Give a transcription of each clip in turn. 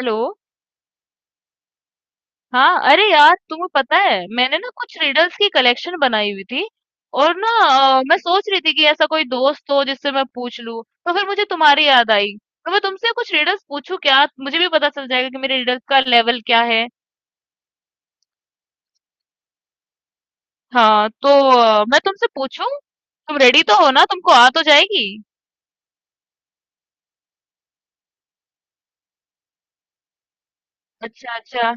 Hello हाँ अरे यार तुम्हें पता है मैंने ना कुछ रिडल्स की कलेक्शन बनाई हुई थी और ना मैं सोच रही थी कि ऐसा कोई दोस्त हो जिससे मैं पूछ लूं तो फिर मुझे तुम्हारी याद आई। तो मैं तुमसे कुछ रिडल्स पूछूं क्या? मुझे भी पता चल जाएगा कि मेरे रिडल्स का लेवल क्या है। हाँ तो मैं तुमसे पूछूं? तुम रेडी तो हो ना, तुमको आ तो जाएगी। अच्छा अच्छा।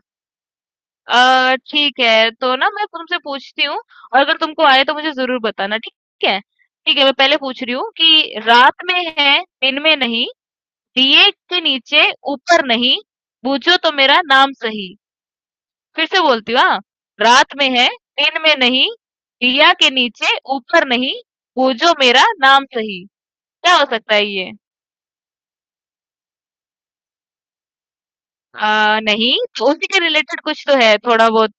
अ, ठीक है तो ना मैं तुमसे पूछती हूँ और अगर तुमको आए तो मुझे जरूर बताना, ठीक है? ठीक है, मैं पहले पूछ रही हूँ कि रात में है दिन में नहीं, दिए के नीचे ऊपर नहीं, बूझो तो मेरा नाम सही। फिर से बोलती हूँ हाँ। रात में है दिन में नहीं, दिया के नीचे ऊपर नहीं, बूझो मेरा नाम सही। क्या हो सकता है ये? नहीं तो उसी के रिलेटेड कुछ तो है थोड़ा बहुत।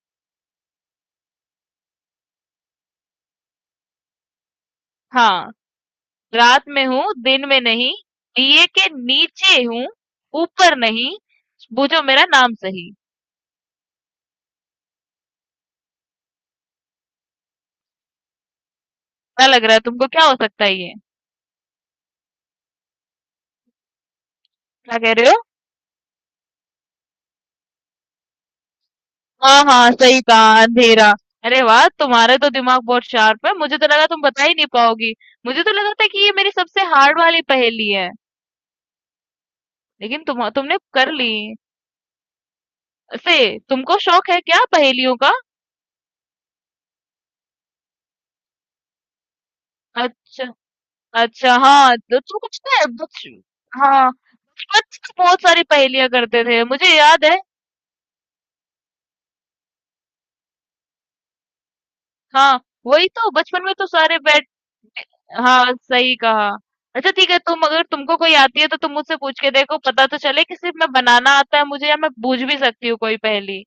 हाँ। रात में हूँ, दिन में नहीं, दिए के नीचे हूँ, ऊपर नहीं, बूझो मेरा नाम सही। क्या लग रहा है तुमको, क्या हो सकता है ये? क्या कह रहे हो? हाँ हाँ, सही कहा, अंधेरा। अरे वाह, तुम्हारे तो दिमाग बहुत शार्प है, मुझे तो लगा तुम बता ही नहीं पाओगी। मुझे तो लगा था कि ये मेरी सबसे हार्ड वाली पहेली है, लेकिन तुमने कर ली से। तुमको शौक है क्या पहेलियों का? अच्छा अच्छा। हाँ तो तुम कुछ ना कुछ- हाँ, बचपन में बहुत सारी पहेलियां करते थे मुझे याद है। हाँ वही तो, बचपन में तो सारे बैट, हाँ सही कहा। अच्छा ठीक है, तुम अगर तुमको कोई आती है तो तुम मुझसे पूछ के देखो, पता तो चले कि सिर्फ मैं बनाना आता है मुझे या मैं बूझ भी सकती हूँ कोई पहेली।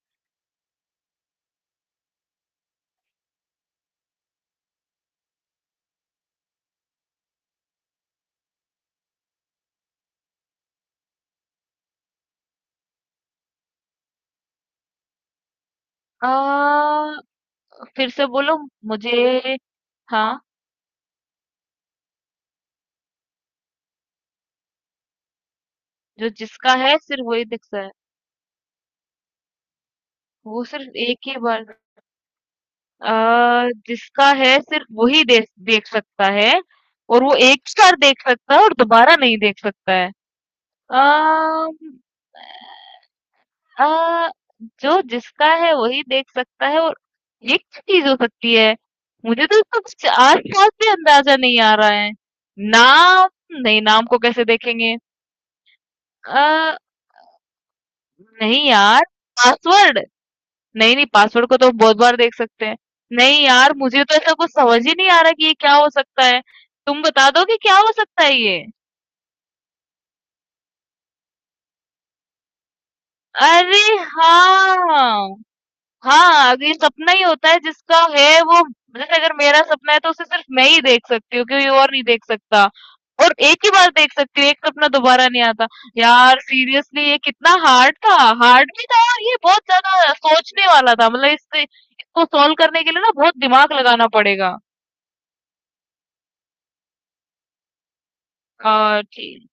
आ, फिर से बोलो मुझे। हाँ। जो जिसका है सिर्फ वही दिखता है, वो सिर्फ एक ही बार, जिसका है सिर्फ वही देख देख सकता है, और वो एक ही बार देख सकता है और दोबारा नहीं देख सकता है। आ, अ, जो जिसका है वही देख सकता है और ये क्या चीज़ हो सकती है? मुझे तो इसका कुछ आस-पास भी अंदाज़ा नहीं आ रहा है। नाम? नहीं, नाम को कैसे देखेंगे? अ, नहीं यार, पासवर्ड? नहीं, नहीं, पासवर्ड को तो हम बहुत बार देख सकते हैं। नहीं यार, मुझे तो ऐसा कुछ समझ ही नहीं आ रहा कि ये क्या हो सकता है। तुम बता दो कि क्या हो सकता है ये? अरे हाँ! हाँ, ये सपना ही होता है, जिसका है वो, जैसे अगर मेरा सपना है तो उसे सिर्फ मैं ही देख सकती हूँ, कोई और नहीं देख सकता। और एक ही बार देख सकती हूँ, एक सपना दोबारा नहीं आता। यार सीरियसली ये कितना हार्ड था। हार्ड भी था और ये बहुत ज्यादा सोचने वाला था, मतलब इससे, इसको सॉल्व करने के लिए ना बहुत दिमाग लगाना पड़ेगा। और ठीक।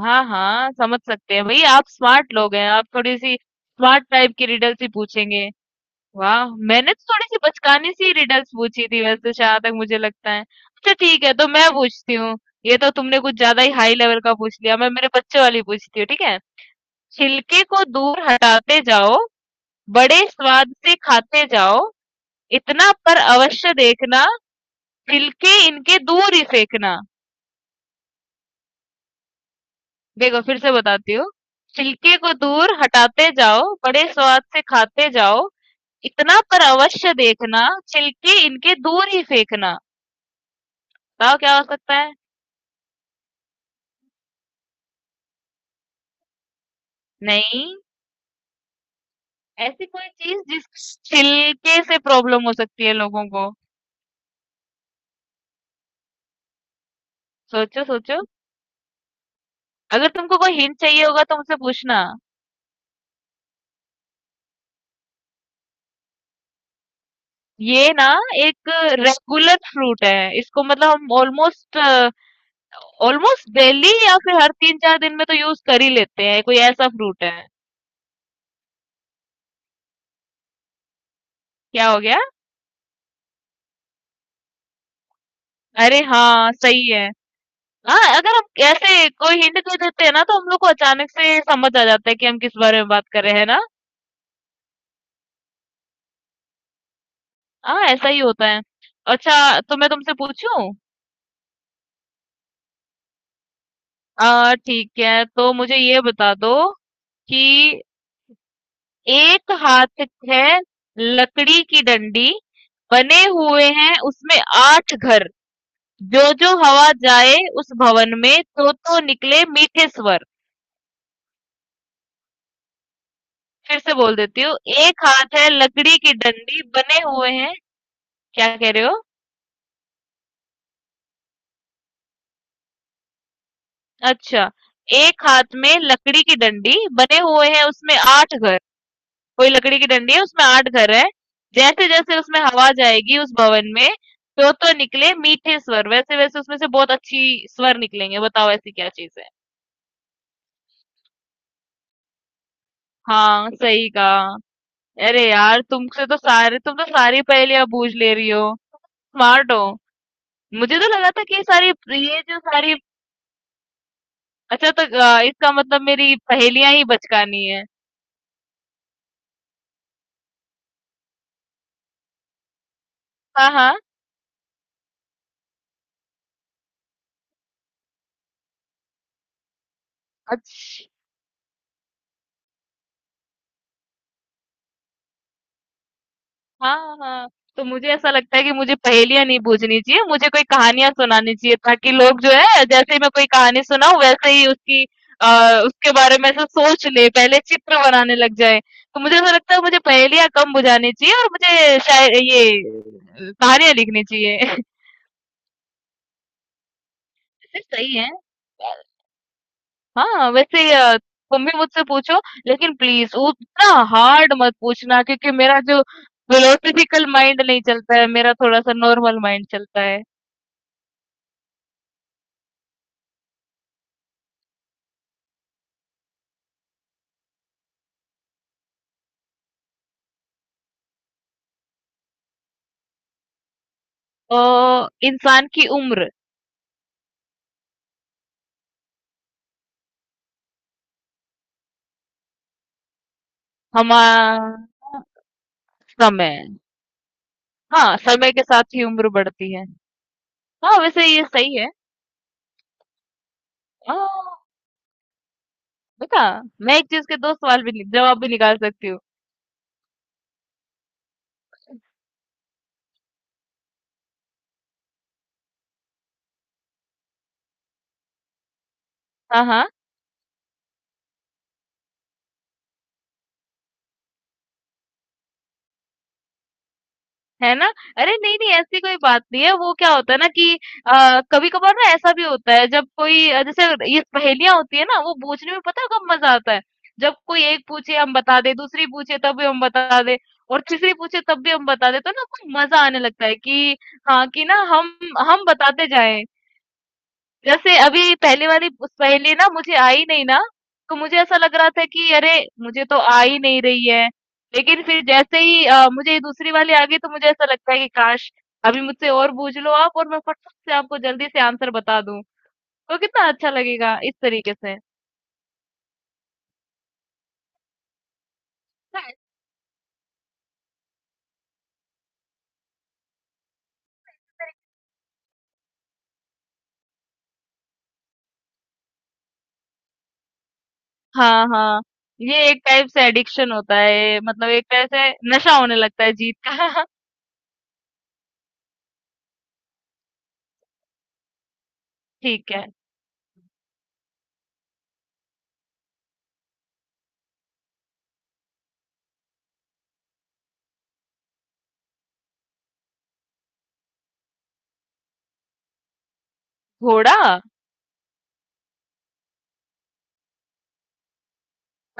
हाँ हाँ, समझ सकते हैं भाई, आप स्मार्ट लोग हैं, आप थोड़ी सी स्मार्ट टाइप की रिडल्स ही पूछेंगे। वाह! मैंने तो थोड़ी-सी बचकाने सी रिडल्स पूछी थी वैसे तो, जहाँ तक मुझे लगता है। अच्छा ठीक है, तो मैं पूछती हूँ। ये तो तुमने कुछ ज़्यादा ही हाई लेवल का पूछ लिया। मैं मेरे बच्चों वाली पूछती हूँ, ठीक है? छिलके को दूर हटाते जाओ, बड़े स्वाद से खाते जाओ, इतना पर अवश्य देखना, छिलके इनके दूर ही फेंकना। देखो फिर से बताती हूँ। छिलके को दूर हटाते जाओ, बड़े स्वाद से खाते जाओ, इतना पर अवश्य देखना, छिलके इनके दूर ही फेंकना। बताओ क्या हो सकता है? नहीं, ऐसी कोई चीज जिस छिलके से प्रॉब्लम हो सकती है लोगों को, सोचो सोचो। अगर तुमको कोई हिंट चाहिए होगा तो मुझसे पूछना। ये ना एक रेगुलर फ्रूट है इसको, मतलब हम ऑलमोस्ट ऑलमोस्ट डेली या फिर हर तीन चार दिन में तो यूज कर ही लेते हैं। कोई ऐसा फ्रूट है? क्या हो गया? अरे हाँ सही है। हाँ, अगर हम ऐसे कोई हिंट दे देते हैं ना तो हम लोग को अचानक से समझ आ जाता है कि हम किस बारे में बात कर रहे हैं ना। हाँ ऐसा ही होता है। अच्छा तो मैं तुमसे पूछूं? आ, ठीक है तो मुझे ये बता दो कि एक हाथ है लकड़ी की डंडी, बने हुए हैं उसमें आठ घर, जो जो हवा जाए उस भवन में तो निकले मीठे स्वर। फिर से बोल देती हूँ। एक हाथ है लकड़ी की डंडी बने हुए हैं। क्या कह रहे हो? अच्छा। एक हाथ में लकड़ी की डंडी बने हुए हैं उसमें आठ घर। कोई लकड़ी की डंडी है उसमें 8 घर हैं। जैसे-जैसे उसमें हवा जाएगी उस भवन में, तो-तो निकले मीठे स्वर, वैसे-वैसे उसमें से बहुत अच्छी स्वर निकलेंगे। बताओ ऐसी क्या चीज़ है? हाँ, सही कहा। अरे यार, तुमसे तो सारे, तुम तो सारी पहेलियाँ बूझ ले रही हो। स्मार्ट हो। मुझे तो लगा था कि ये सारी, ये जो सारी, अच्छा तो इसका मतलब मेरी पहेलियाँ ही बचकानी है। हाँ, हाँ। अच्छा। हाँ, हाँ। तो मुझे ऐसा लगता है कि मुझे पहेलियाँ नहीं बूझनी चाहिए, मुझे कोई कहानियाँ सुनानी चाहिए ताकि लोग जो है जैसे ही मैं कोई कहानी सुनाऊँ वैसे ही उसकी अ, उसके बारे में ऐसे सोच ले, पहले चित्र बनाने लग जाए। तो मुझे ऐसा लगता है मुझे पहेलियाँ कम बुझानी चाहिए और मुझे शाय ये कहानियाँ लिखनी चाहिए। सही है। हाँ, वैसे तुम भी मुझसे पूछो, लेकिन प्लीज़ उतना हार्ड मत पूछना क्योंकि मेरा जो फिलोसॉफिकल माइंड नहीं चलता है, मेरा थोड़ा-सा नॉर्मल माइंड चलता है। अ, इंसान की उम्र। हमारा समय। हाँ, समय के साथ ही उम्र बढ़ती है। हाँ, वैसे ये सही है। अ, देखा, मैं एक चीज़ के 2 सवाल भी, नि जवाब भी निकाल सकती हूँ। हाँ, हाँ। है ना? अरे नहीं नहीं, ऐसी कोई बात नहीं है। वो क्या होता है ना कि कभी कभार ना ऐसा भी होता है जब कोई जैसे ये पहेलियां होती है ना वो पूछने में, पता है कब मजा आता है? जब कोई एक पूछे हम बता दे, दूसरी पूछे तब भी हम बता दे, और तीसरी पूछे तब भी हम बता दे, तो ना कुछ मजा आने लगता है कि हाँ, कि ना हम बताते जाएं। जैसे अभी पहले वाली उस पहेली ना मुझे आई नहीं ना, तो मुझे ऐसा लग रहा था कि अरे! मुझे तो आ ही नहीं रही है। लेकिन फिर जैसे ही मुझे ये दूसरी वाली आ गई तो मुझे ऐसा लगता है कि काश! अभी मुझसे और पूछ लो आप और मैं फटाक से आपको जल्दी से आंसर बता दूँ। तो कितना अच्छा लगेगा इस तरीके से। है। हाँ, हाँ। ये एक टाइप से एडिक्शन होता है, मतलब एक तरह से नशा होने लगता है जीत का। ठीक है। घोड़ा?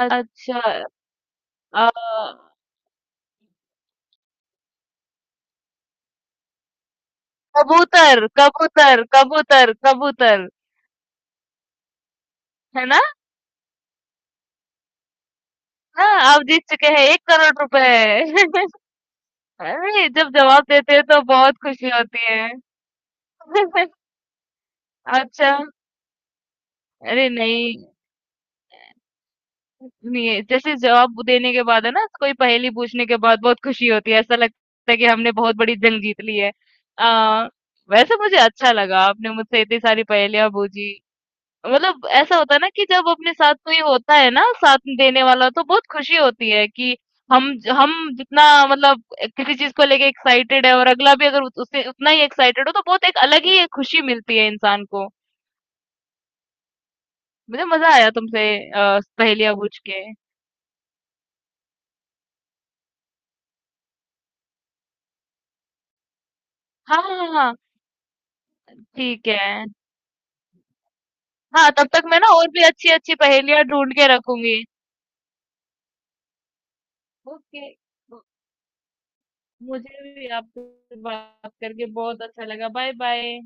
अच्छा। अ। कबूतर, कबूतर, कबूतर, कबूतर, है ना? हाँ, आप जीत चुके हैं 1 करोड़ रुपए। अरे! जब जवाब देते हैं तो बहुत खुशी होती है। अच्छा, अरे नहीं, नहीं जैसे जवाब देने के बाद है ना, कोई पहेली पूछने के बाद बहुत खुशी होती है, ऐसा लगता है कि हमने बहुत बड़ी जंग जीत ली है। अ, वैसे मुझे अच्छा लगा, आपने मुझसे इतनी सारी पहेलियाँ बूझी। मतलब ऐसा होता है ना कि जब अपने साथ कोई होता है ना साथ देने वाला तो बहुत खुशी होती है कि हम, जितना मतलब किसी चीज को लेके एक्साइटेड है और अगला भी अगर उससे उतना ही एक्साइटेड हो तो बहुत एक अलग ही एक खुशी मिलती है इंसान को। मुझे मजा आया तुमसे पहेलियां पूछ के। हाँ हाँ हाँ। ठीक है। हाँ तब तक मैं ना और भी अच्छी अच्छी पहेलियां ढूंढ के रखूंगी। ओके। मुझे भी आपसे बात करके बहुत अच्छा लगा, बाय बाय।